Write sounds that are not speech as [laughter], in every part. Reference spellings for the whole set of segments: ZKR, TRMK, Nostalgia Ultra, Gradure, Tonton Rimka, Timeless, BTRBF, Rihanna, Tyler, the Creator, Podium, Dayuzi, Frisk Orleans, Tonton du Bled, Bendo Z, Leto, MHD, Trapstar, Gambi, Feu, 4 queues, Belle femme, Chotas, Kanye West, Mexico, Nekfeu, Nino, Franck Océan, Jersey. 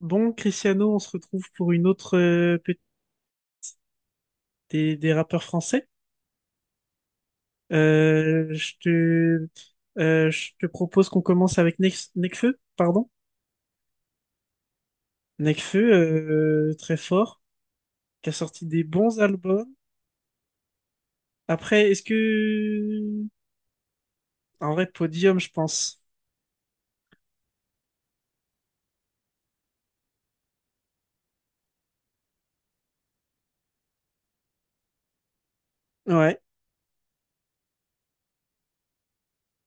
Bon, Cristiano, on se retrouve pour une autre des rappeurs français. Euh, je te, je te propose qu'on commence avec Nekfeu, pardon. Nekfeu, très fort, qui a sorti des bons albums. Après, est-ce que... En vrai, Podium, je pense. Ouais,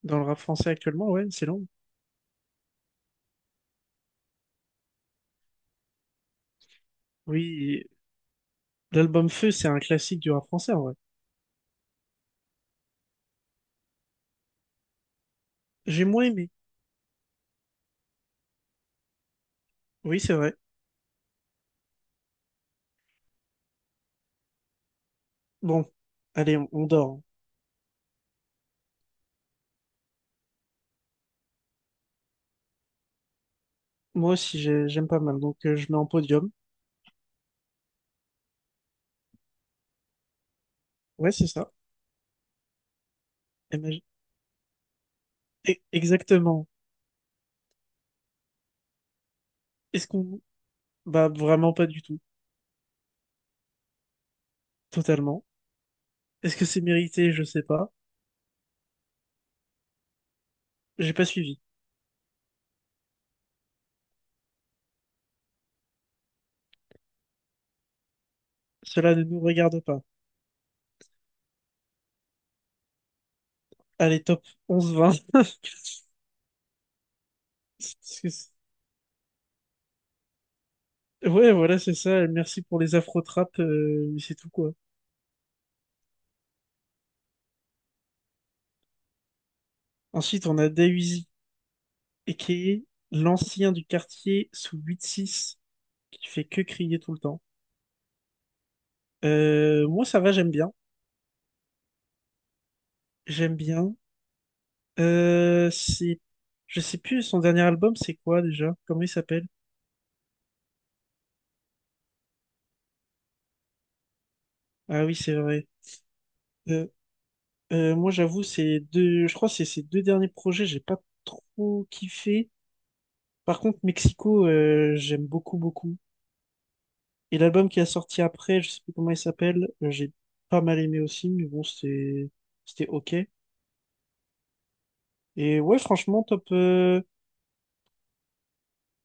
dans le rap français actuellement, ouais, c'est long. Oui, l'album Feu, c'est un classique du rap français, en vrai. J'ai moins aimé. Oui, c'est vrai. Bon, allez, on dort, hein. Moi aussi, j'aime pas mal, donc je mets en Podium. Ouais, c'est ça. Imagine- Exactement. Est-ce qu'on... Bah, vraiment pas du tout. Totalement. Est-ce que c'est mérité? Je sais pas. J'ai pas suivi. Cela ne nous regarde pas. Allez, top 11-20. [laughs] Que c'est- Ouais, voilà, c'est ça. Merci pour les afro-trappes, mais c'est tout, quoi. Ensuite, on a Dayuzi, aka l'ancien du quartier sous huit six qui fait que crier tout le temps. Moi, ça va, j'aime bien. J'aime bien. C'est... Je sais plus, son dernier album, c'est quoi, déjà? Comment il s'appelle? Ah oui, c'est vrai. Euh, Moi, j'avoue, ces deux, je crois que c'est ces deux derniers projets, j'ai pas trop kiffé. Par contre, Mexico, j'aime beaucoup, beaucoup. Et l'album qui a sorti après, je sais plus comment il s'appelle, j'ai pas mal aimé aussi, mais bon, c'était ok. Et ouais, franchement, top,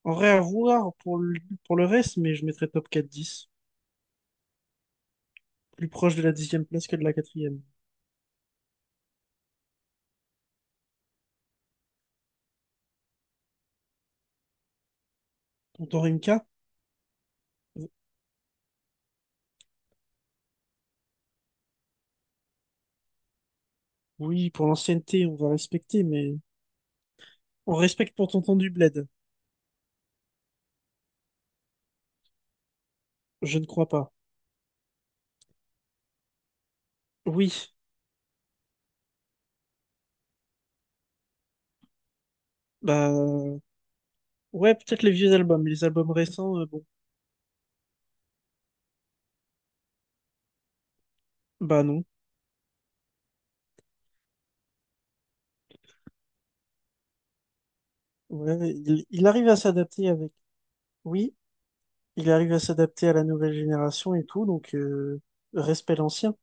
en vrai, à voir pour le reste, mais je mettrais top 4-10. Plus proche de la dixième place que de la quatrième. Tonton Rimka? Oui, pour l'ancienneté, on va respecter, mais on respecte pour Tonton du Bled. Je ne crois pas. Oui, bah ouais, peut-être les vieux albums, les albums récents, bon, bah non. Ouais, il arrive à s'adapter avec. Oui, il arrive à s'adapter à la nouvelle génération et tout, donc respect l'ancien.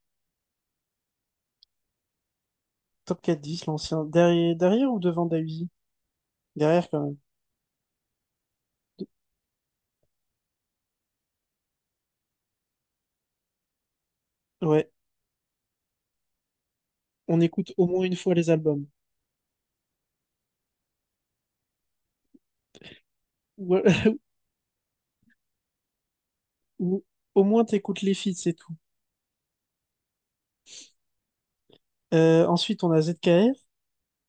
Top 4-10, l'ancien. Derrière, derrière ou devant Dahuzi? Derrière quand même. Ouais, on écoute au moins une fois les albums. Ou, [laughs] ou au moins t'écoutes les feats, c'est tout. Ensuite, on a ZKR.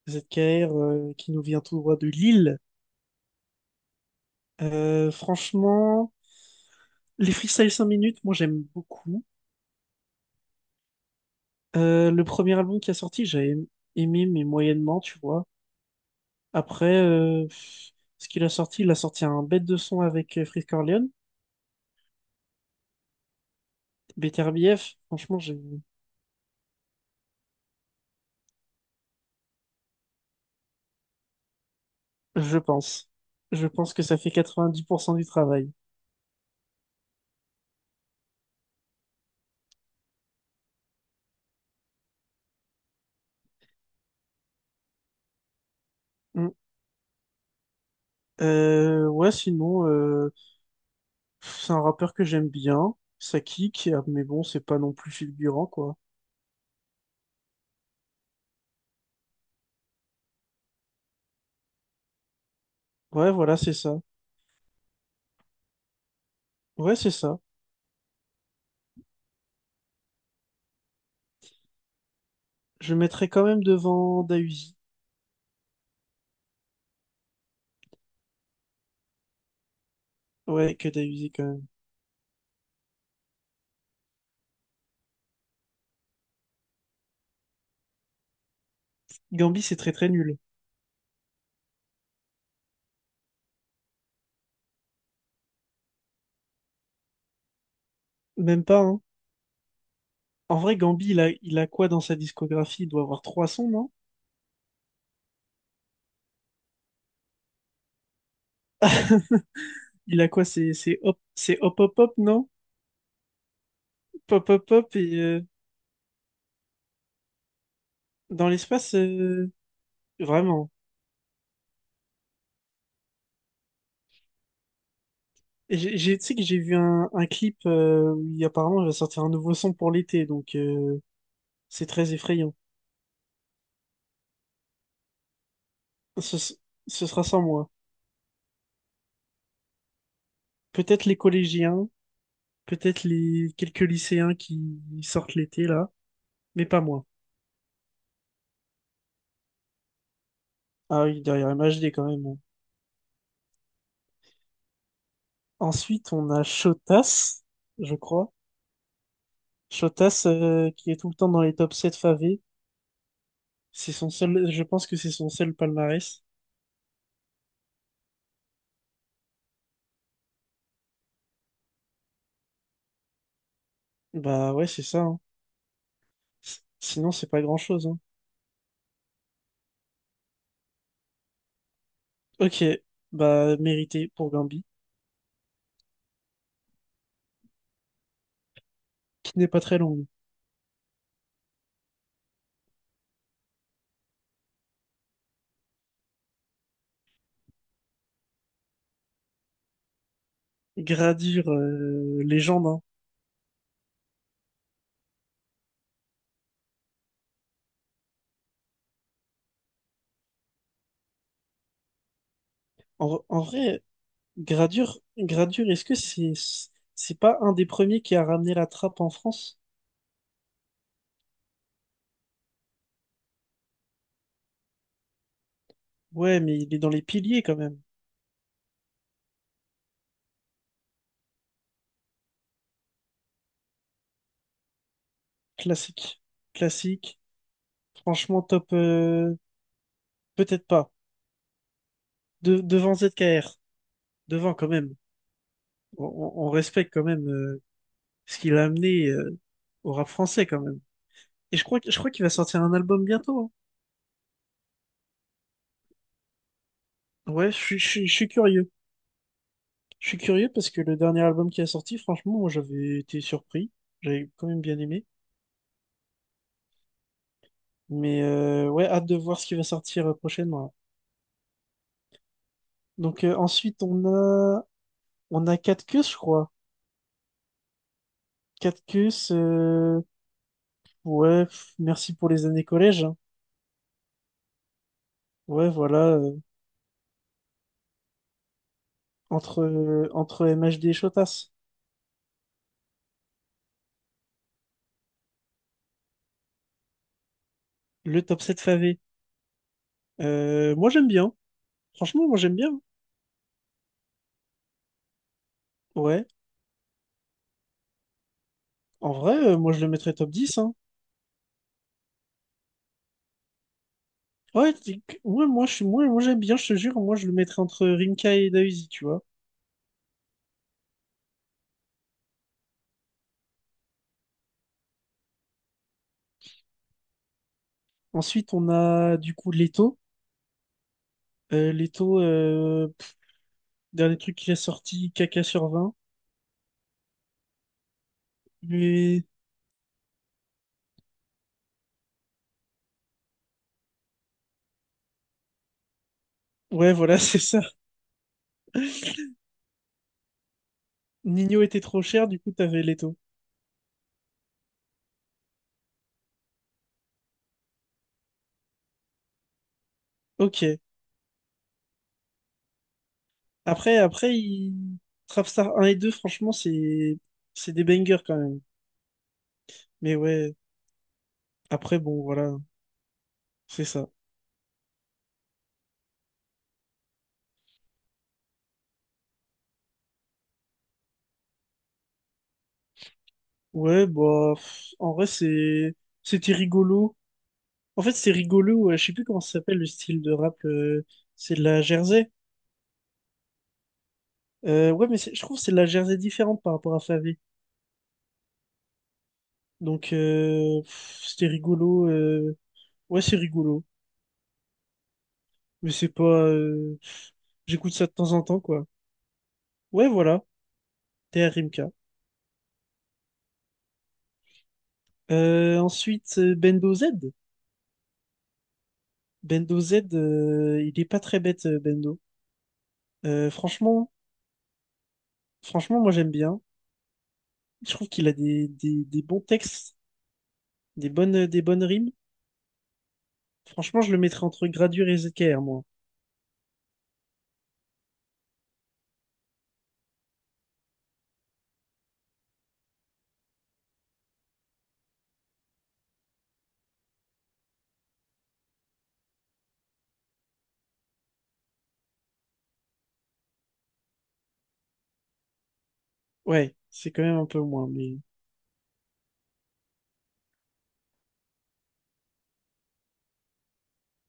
ZKR, qui nous vient tout droit de Lille. Franchement, les freestyles 5 minutes, moi j'aime beaucoup. Le premier album qui a sorti, j'ai aimé, mais moyennement, tu vois. Après, ce qu'il a sorti, il a sorti un bête de son avec Frisk Orleans, BTRBF, franchement, je pense. Je pense que ça fait 90% du travail. Mm. Ouais, sinon, c'est un rappeur que j'aime bien, ça kick, mais bon, c'est pas non plus fulgurant, quoi. Ouais, voilà, c'est ça. Ouais, c'est ça. Je mettrais quand même devant Dahuzi. Ouais, que Dahuzi, quand même. Gambi, c'est très très nul. Même pas, hein. En vrai, Gambi, il a quoi dans sa discographie? Il doit avoir trois sons, non? Il a quoi? C'est hop, c'est hop, hop, hop, non? Pop, hop, hop, et dans l'espace, vraiment. Et tu sais que j'ai vu un clip, où apparemment il va sortir un nouveau son pour l'été, donc c'est très effrayant. Ce, s- Ce sera sans moi. Peut-être les collégiens, peut-être les quelques lycéens qui sortent l'été, là, mais pas moi. Ah oui, derrière MHD quand même. Ensuite, on a Chotas, je crois. Chotas, qui est tout le temps dans les top 7 favés, c'est son seul, je pense que c'est son seul palmarès. Bah ouais, c'est ça, hein. Sinon, c'est pas grand-chose, hein. Ok, bah mérité pour Gambi, qui n'est pas très longue. Gradure, légende, hein. En vrai, Gradure, est-ce que c'est pas un des premiers qui a ramené la trappe en France? Ouais, mais il est dans les piliers quand même. Classique, classique. Franchement, top, peut-être pas. Devant ZKR, devant quand même. On respecte quand même ce qu'il a amené au rap français quand même. Et je crois qu'il va sortir un album bientôt, hein. Ouais, je suis curieux. Je suis curieux parce que le dernier album qui a sorti, franchement, moi j'avais été surpris. J'avais quand même bien aimé. Mais ouais, hâte de voir ce qui va sortir prochainement, là. Donc ensuite on a 4 queues, je crois. 4 queues, ouais, merci pour les années collège, hein. Ouais, voilà, entre MHD et Chotas, le top 7 Fave. Moi, j'aime bien. Franchement, moi, j'aime bien. Ouais. En vrai, moi, je le mettrais top 10, hein. Ouais, ouais, moi, j'aime bien, je te jure. Moi, je le mettrais entre Rimka et Daisy, tu vois. Ensuite, on a, du coup, Leto. Leto, dernier truc qu'il a sorti, caca sur 20. Mais, ouais, voilà, [laughs] c'est ça. Nino était trop cher, du coup, t'avais Leto. Ok. Après, il... Trapstar un et deux, franchement, c'est des bangers quand même. Mais ouais, après, bon, voilà, c'est ça. Ouais, bah, en vrai, c'était rigolo. En fait, c'est rigolo. Je sais plus comment ça s'appelle le style de rap. C'est de la Jersey. Ouais, mais je trouve que c'est de la Jersey différente par rapport à Favé. Donc, c'était rigolo. Ouais, c'est rigolo. Mais c'est pas. J'écoute ça de temps en temps, quoi. Ouais, voilà. TRMK. Ensuite, Bendo Z. Bendo Z, il est pas très bête, Bendo. Franchement, franchement, moi, j'aime bien. Je trouve qu'il a des bons textes. Des bonnes rimes. Franchement, je le mettrais entre Gradure et ZKR, moi. Ouais, c'est quand même un peu moins, mais.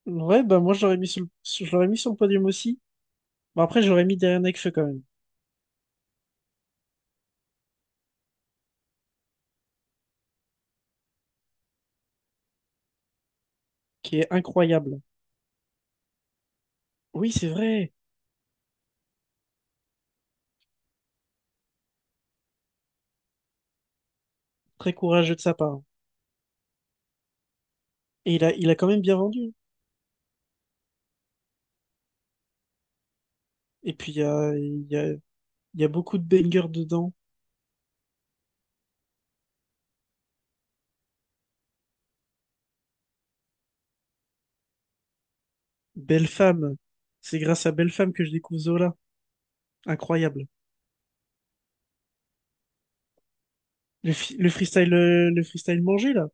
Ouais, bah moi, je l'aurais mis sur le podium aussi. Bon, après, j'aurais mis derrière Nekfeu quand même, qui est incroyable. Oui, c'est vrai. Très courageux de sa part. Et il a quand même bien vendu. Et puis, il y a, il y a, il y a beaucoup de bangers dedans. Belle femme. C'est grâce à Belle femme que je découvre Zola. Incroyable. Le freestyle manger là.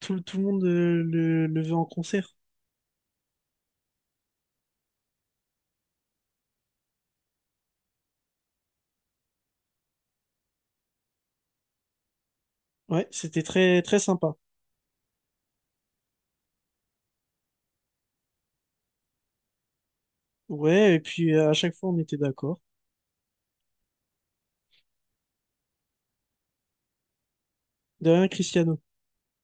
Tout le monde, le veut en concert. Ouais, c'était très, très sympa. Ouais, et puis à chaque fois, on était d'accord. De rien, Cristiano.